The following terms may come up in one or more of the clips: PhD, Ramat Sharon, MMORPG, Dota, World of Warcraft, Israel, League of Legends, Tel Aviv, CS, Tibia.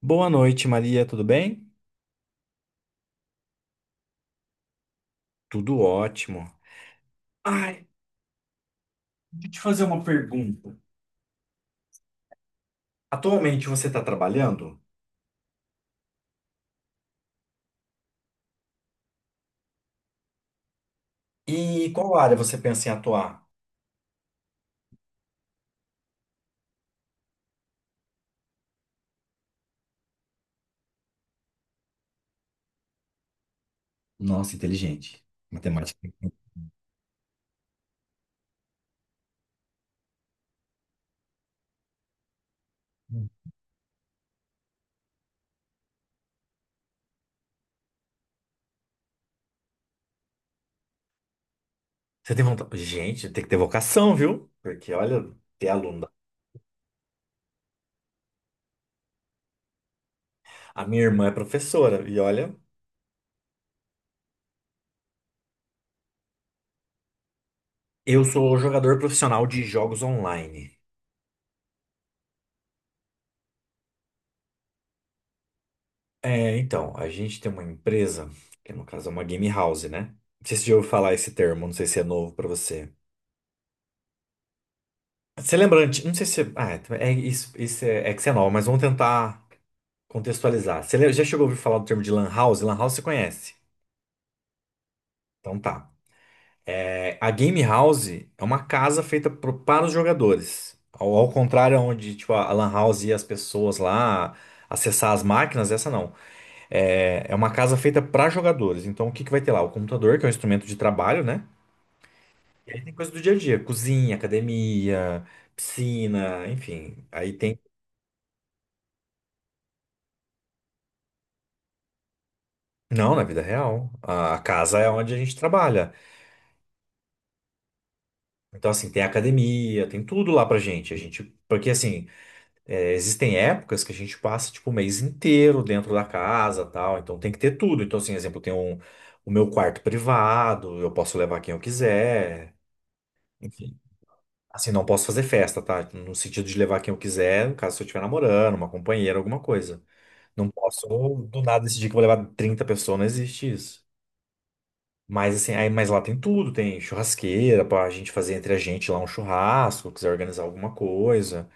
Boa noite, Maria, tudo bem? Tudo ótimo. Ai, Deixa eu te fazer uma pergunta. Atualmente você está trabalhando? E qual área você pensa em atuar? Nossa, inteligente. Matemática. Você tem vontade? Gente, tem que ter vocação, viu? Porque olha, ter aluna. A minha irmã é professora e olha, eu sou jogador profissional de jogos online. A gente tem uma empresa, que no caso é uma game house, né? Não sei se você já ouviu falar esse termo, não sei se é novo para você. Você lembra, não sei se, isso, isso é que você é nova, mas vamos tentar contextualizar. Já chegou a ouvir falar do termo de lan house? Lan house você conhece? Então tá. É, a game house é uma casa feita para os jogadores. Ao contrário, onde tipo, a lan house e as pessoas lá acessar as máquinas, essa não. É uma casa feita para jogadores. Então o que que vai ter lá? O computador, que é um instrumento de trabalho, né? E aí tem coisa do dia a dia, cozinha, academia, piscina, enfim. Aí tem. Não, na vida real. A casa é onde a gente trabalha. Então, assim, tem academia, tem tudo lá pra gente. A gente, porque assim, é, existem épocas que a gente passa tipo o mês inteiro dentro da casa, tal. Então tem que ter tudo. Então, assim, exemplo, o meu quarto privado, eu posso levar quem eu quiser. Enfim, assim, não posso fazer festa, tá? No sentido de levar quem eu quiser, no caso se eu estiver namorando, uma companheira, alguma coisa. Não posso do nada decidir que vou levar 30 pessoas, não existe isso. Mas assim, aí, mas lá tem tudo, tem churrasqueira pra gente fazer entre a gente lá um churrasco, quiser organizar alguma coisa.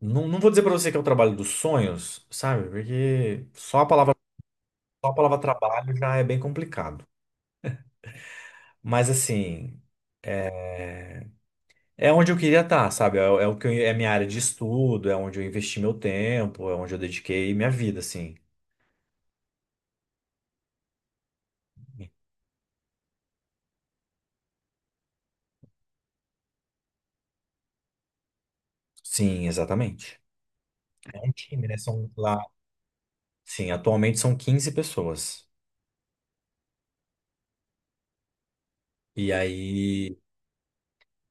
Não, não vou dizer pra você que é o trabalho dos sonhos, sabe? Porque só a palavra trabalho já é bem complicado. Mas assim, é onde eu queria estar, sabe? É minha área de estudo, é onde eu investi meu tempo, é onde eu dediquei minha vida, assim. Sim, exatamente. É um time, né? São lá, sim, atualmente são 15 pessoas. E aí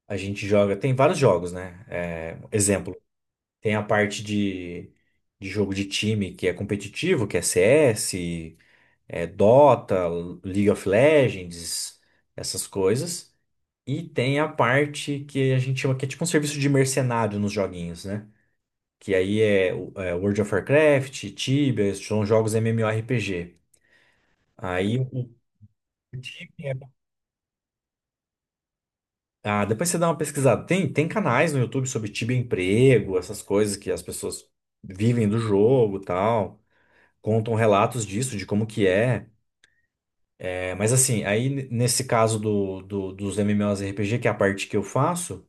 a gente joga, tem vários jogos, né? É, exemplo, tem a parte de jogo de time que é competitivo, que é CS, é Dota, League of Legends, essas coisas. E tem a parte que a gente chama que é tipo um serviço de mercenário nos joguinhos, né? Que aí é World of Warcraft, Tibia, são jogos MMORPG. Aí o time é Ah, depois você dá uma pesquisada. Tem canais no YouTube sobre Tibia Emprego, essas coisas que as pessoas vivem do jogo, e tal. Contam relatos disso, de como que é. É, mas assim, nesse caso dos MMORPG, que é a parte que eu faço,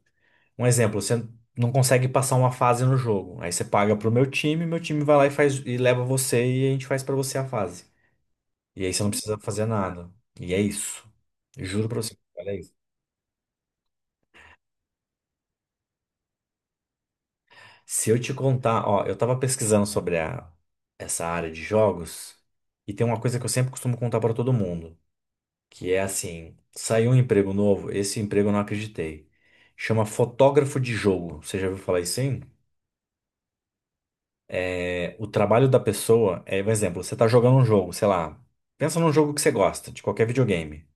um exemplo, você não consegue passar uma fase no jogo. Aí você paga pro meu time vai lá e faz e leva você e a gente faz pra você a fase. E aí você não precisa fazer nada. E é isso. Juro pra você. Olha, se eu te contar, ó, eu tava pesquisando sobre essa área de jogos e tem uma coisa que eu sempre costumo contar pra todo mundo, que é assim, saiu um emprego novo, esse emprego eu não acreditei. Chama fotógrafo de jogo. Você já ouviu falar isso, hein? É, o trabalho da pessoa é, por exemplo, você tá jogando um jogo, sei lá, pensa num jogo que você gosta, de qualquer videogame.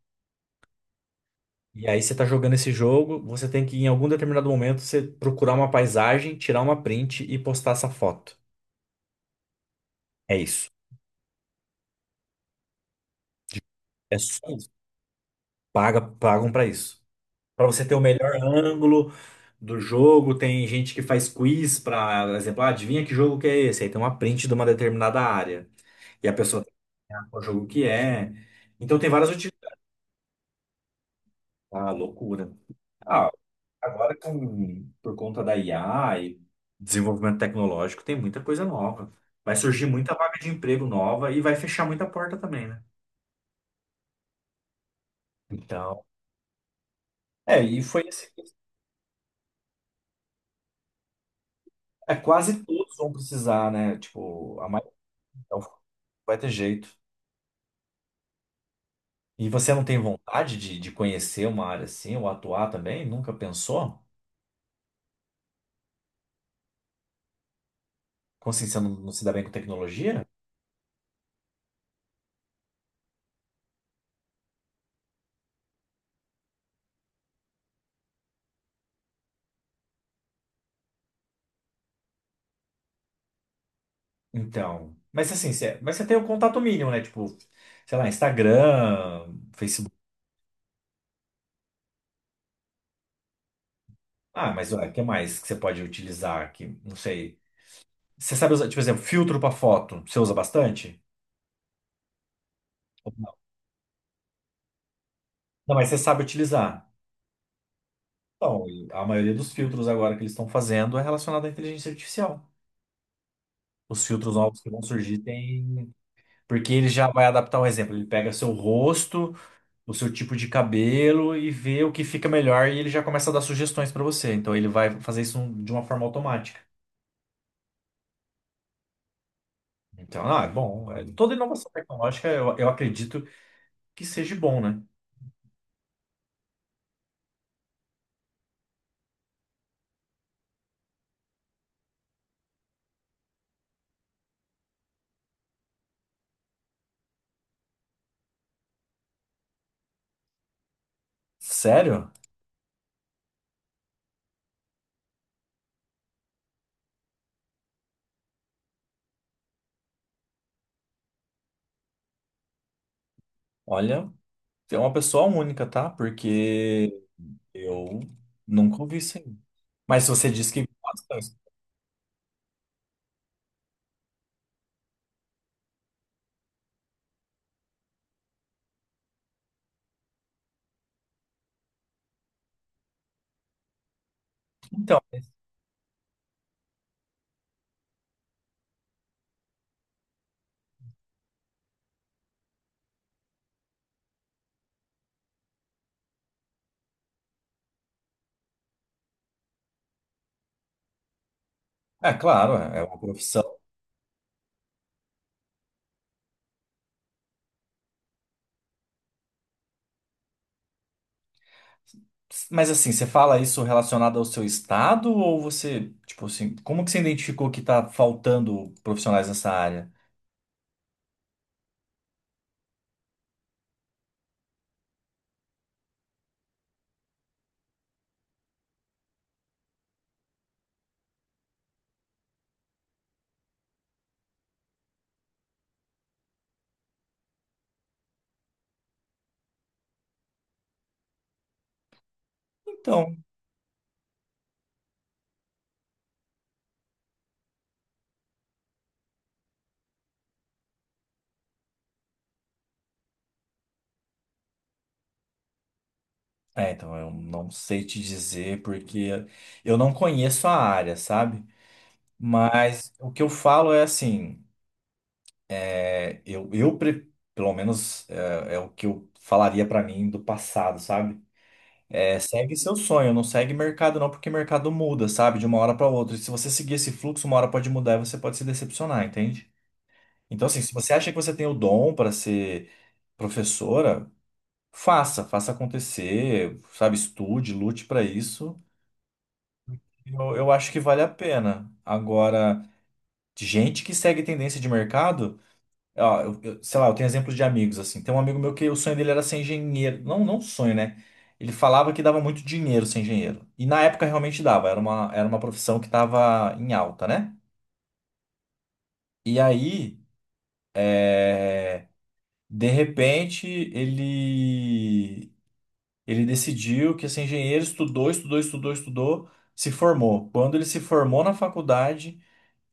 E aí você tá jogando esse jogo, você tem que em algum determinado momento você procurar uma paisagem, tirar uma print e postar essa foto. É isso. É só isso. Paga, pagam para isso. Para você ter o melhor ângulo do jogo, tem gente que faz quiz para, por exemplo, ah, adivinha que jogo que é esse? Aí tem uma print de uma determinada área. E a pessoa tem que adivinhar qual jogo que é. Então tem várias utilidades. Ah, loucura. Ah, Agora, com, por conta da IA e desenvolvimento tecnológico, tem muita coisa nova. Vai surgir muita vaga de emprego nova e vai fechar muita porta também, né? Então, é, e foi assim, é quase todos vão precisar, né? Tipo, a maioria. Então, vai ter jeito. E você não tem vontade de conhecer uma área assim, ou atuar também? Nunca pensou? Como assim, você não se dá bem com tecnologia? Então, mas assim, você, mas você tem o contato mínimo, né? Tipo, sei lá, Instagram, Facebook. Ah, mas o que mais que você pode utilizar aqui? Não sei. Você sabe usar, tipo, por exemplo, filtro para foto, você usa bastante? Ou não, não, mas você sabe utilizar. Então, e a maioria dos filtros agora que eles estão fazendo é relacionado à inteligência artificial. Os filtros novos que vão surgir têm. Porque ele já vai adaptar um exemplo. Ele pega seu rosto, o seu tipo de cabelo e vê o que fica melhor e ele já começa a dar sugestões para você. Então ele vai fazer isso de uma forma automática. Então, ah, é bom. É- Toda inovação tecnológica eu acredito que seja bom, né? Sério? Olha, você é uma pessoa única, tá? Porque eu nunca ouvi isso aí. Mas se você disse que gosta, então, é claro, é uma profissão. Mas assim, você fala isso relacionado ao seu estado ou você, tipo assim, como que você identificou que tá faltando profissionais nessa área? Então, então eu não sei te dizer porque eu não conheço a área, sabe? Mas o que eu falo é assim, é, eu, eu pre- pelo menos é o que eu falaria pra mim do passado, sabe? É, segue seu sonho, não segue mercado não, porque mercado muda, sabe? De uma hora pra outra. E se você seguir esse fluxo, uma hora pode mudar e você pode se decepcionar, entende? Então, assim, se você acha que você tem o dom para ser professora, faça, faça acontecer, sabe? Estude, lute para isso. Eu acho que vale a pena. Agora, de gente que segue tendência de mercado, ó, sei lá, eu tenho exemplos de amigos, assim. Tem um amigo meu que o sonho dele era ser engenheiro. Não sonho, né? Ele falava que dava muito dinheiro ser engenheiro. E na época realmente dava, era uma profissão que estava em alta, né? E aí, é, de repente, ele decidiu que ia ser engenheiro, estudou, se formou. Quando ele se formou na faculdade,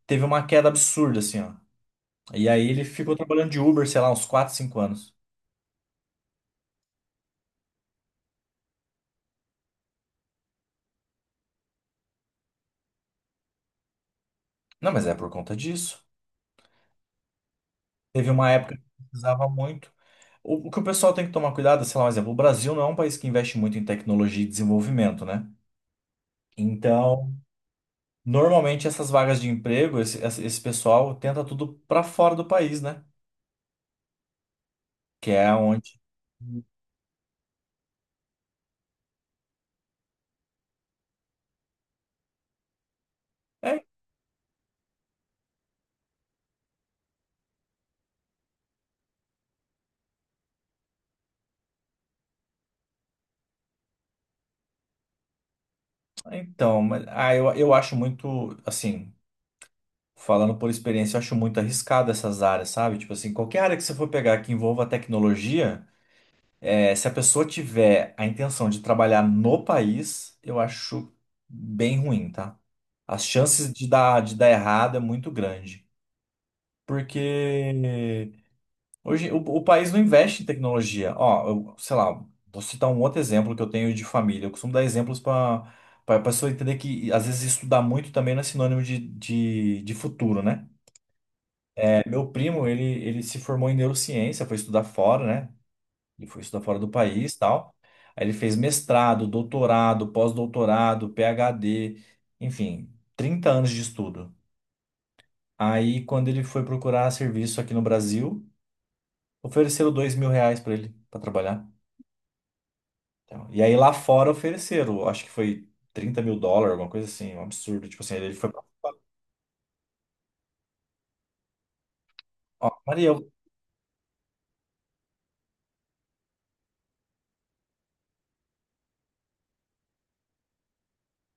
teve uma queda absurda, assim, ó. E aí ele ficou trabalhando de Uber, sei lá, uns 4, 5 anos. Não, mas é por conta disso. Teve uma época que precisava muito. O que o pessoal tem que tomar cuidado, sei lá, um exemplo, o Brasil não é um país que investe muito em tecnologia e desenvolvimento, né? Então, normalmente essas vagas de emprego, esse pessoal tenta tudo para fora do país, né? Que é onde. É. Então, mas, ah, eu acho muito, assim, falando por experiência, eu acho muito arriscado essas áreas, sabe? Tipo assim, qualquer área que você for pegar que envolva tecnologia, eh, se a pessoa tiver a intenção de trabalhar no país, eu acho bem ruim, tá? As chances de dar errado é muito grande. Porque hoje, o país não investe em tecnologia. Ó, eu, sei lá, vou citar um outro exemplo que eu tenho de família. Eu costumo dar exemplos para a pessoa entender que, às vezes, estudar muito também não é sinônimo de futuro, né? É, meu primo, ele se formou em neurociência, foi estudar fora, né? Ele foi estudar fora do país e tal. Aí ele fez mestrado, doutorado, pós-doutorado, PhD, enfim, 30 anos de estudo. Aí, quando ele foi procurar serviço aqui no Brasil, ofereceram 2.000 reais para ele, para trabalhar. Então, e aí lá fora ofereceram, acho que foi 30.000 dólares, alguma coisa assim, um absurdo. Tipo assim, ele foi. Pra. Ó, Mariel,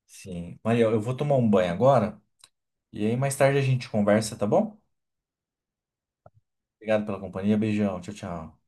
sim, Mariel, eu vou tomar um banho agora e aí mais tarde a gente conversa, tá bom? Obrigado pela companhia, beijão, tchau, tchau.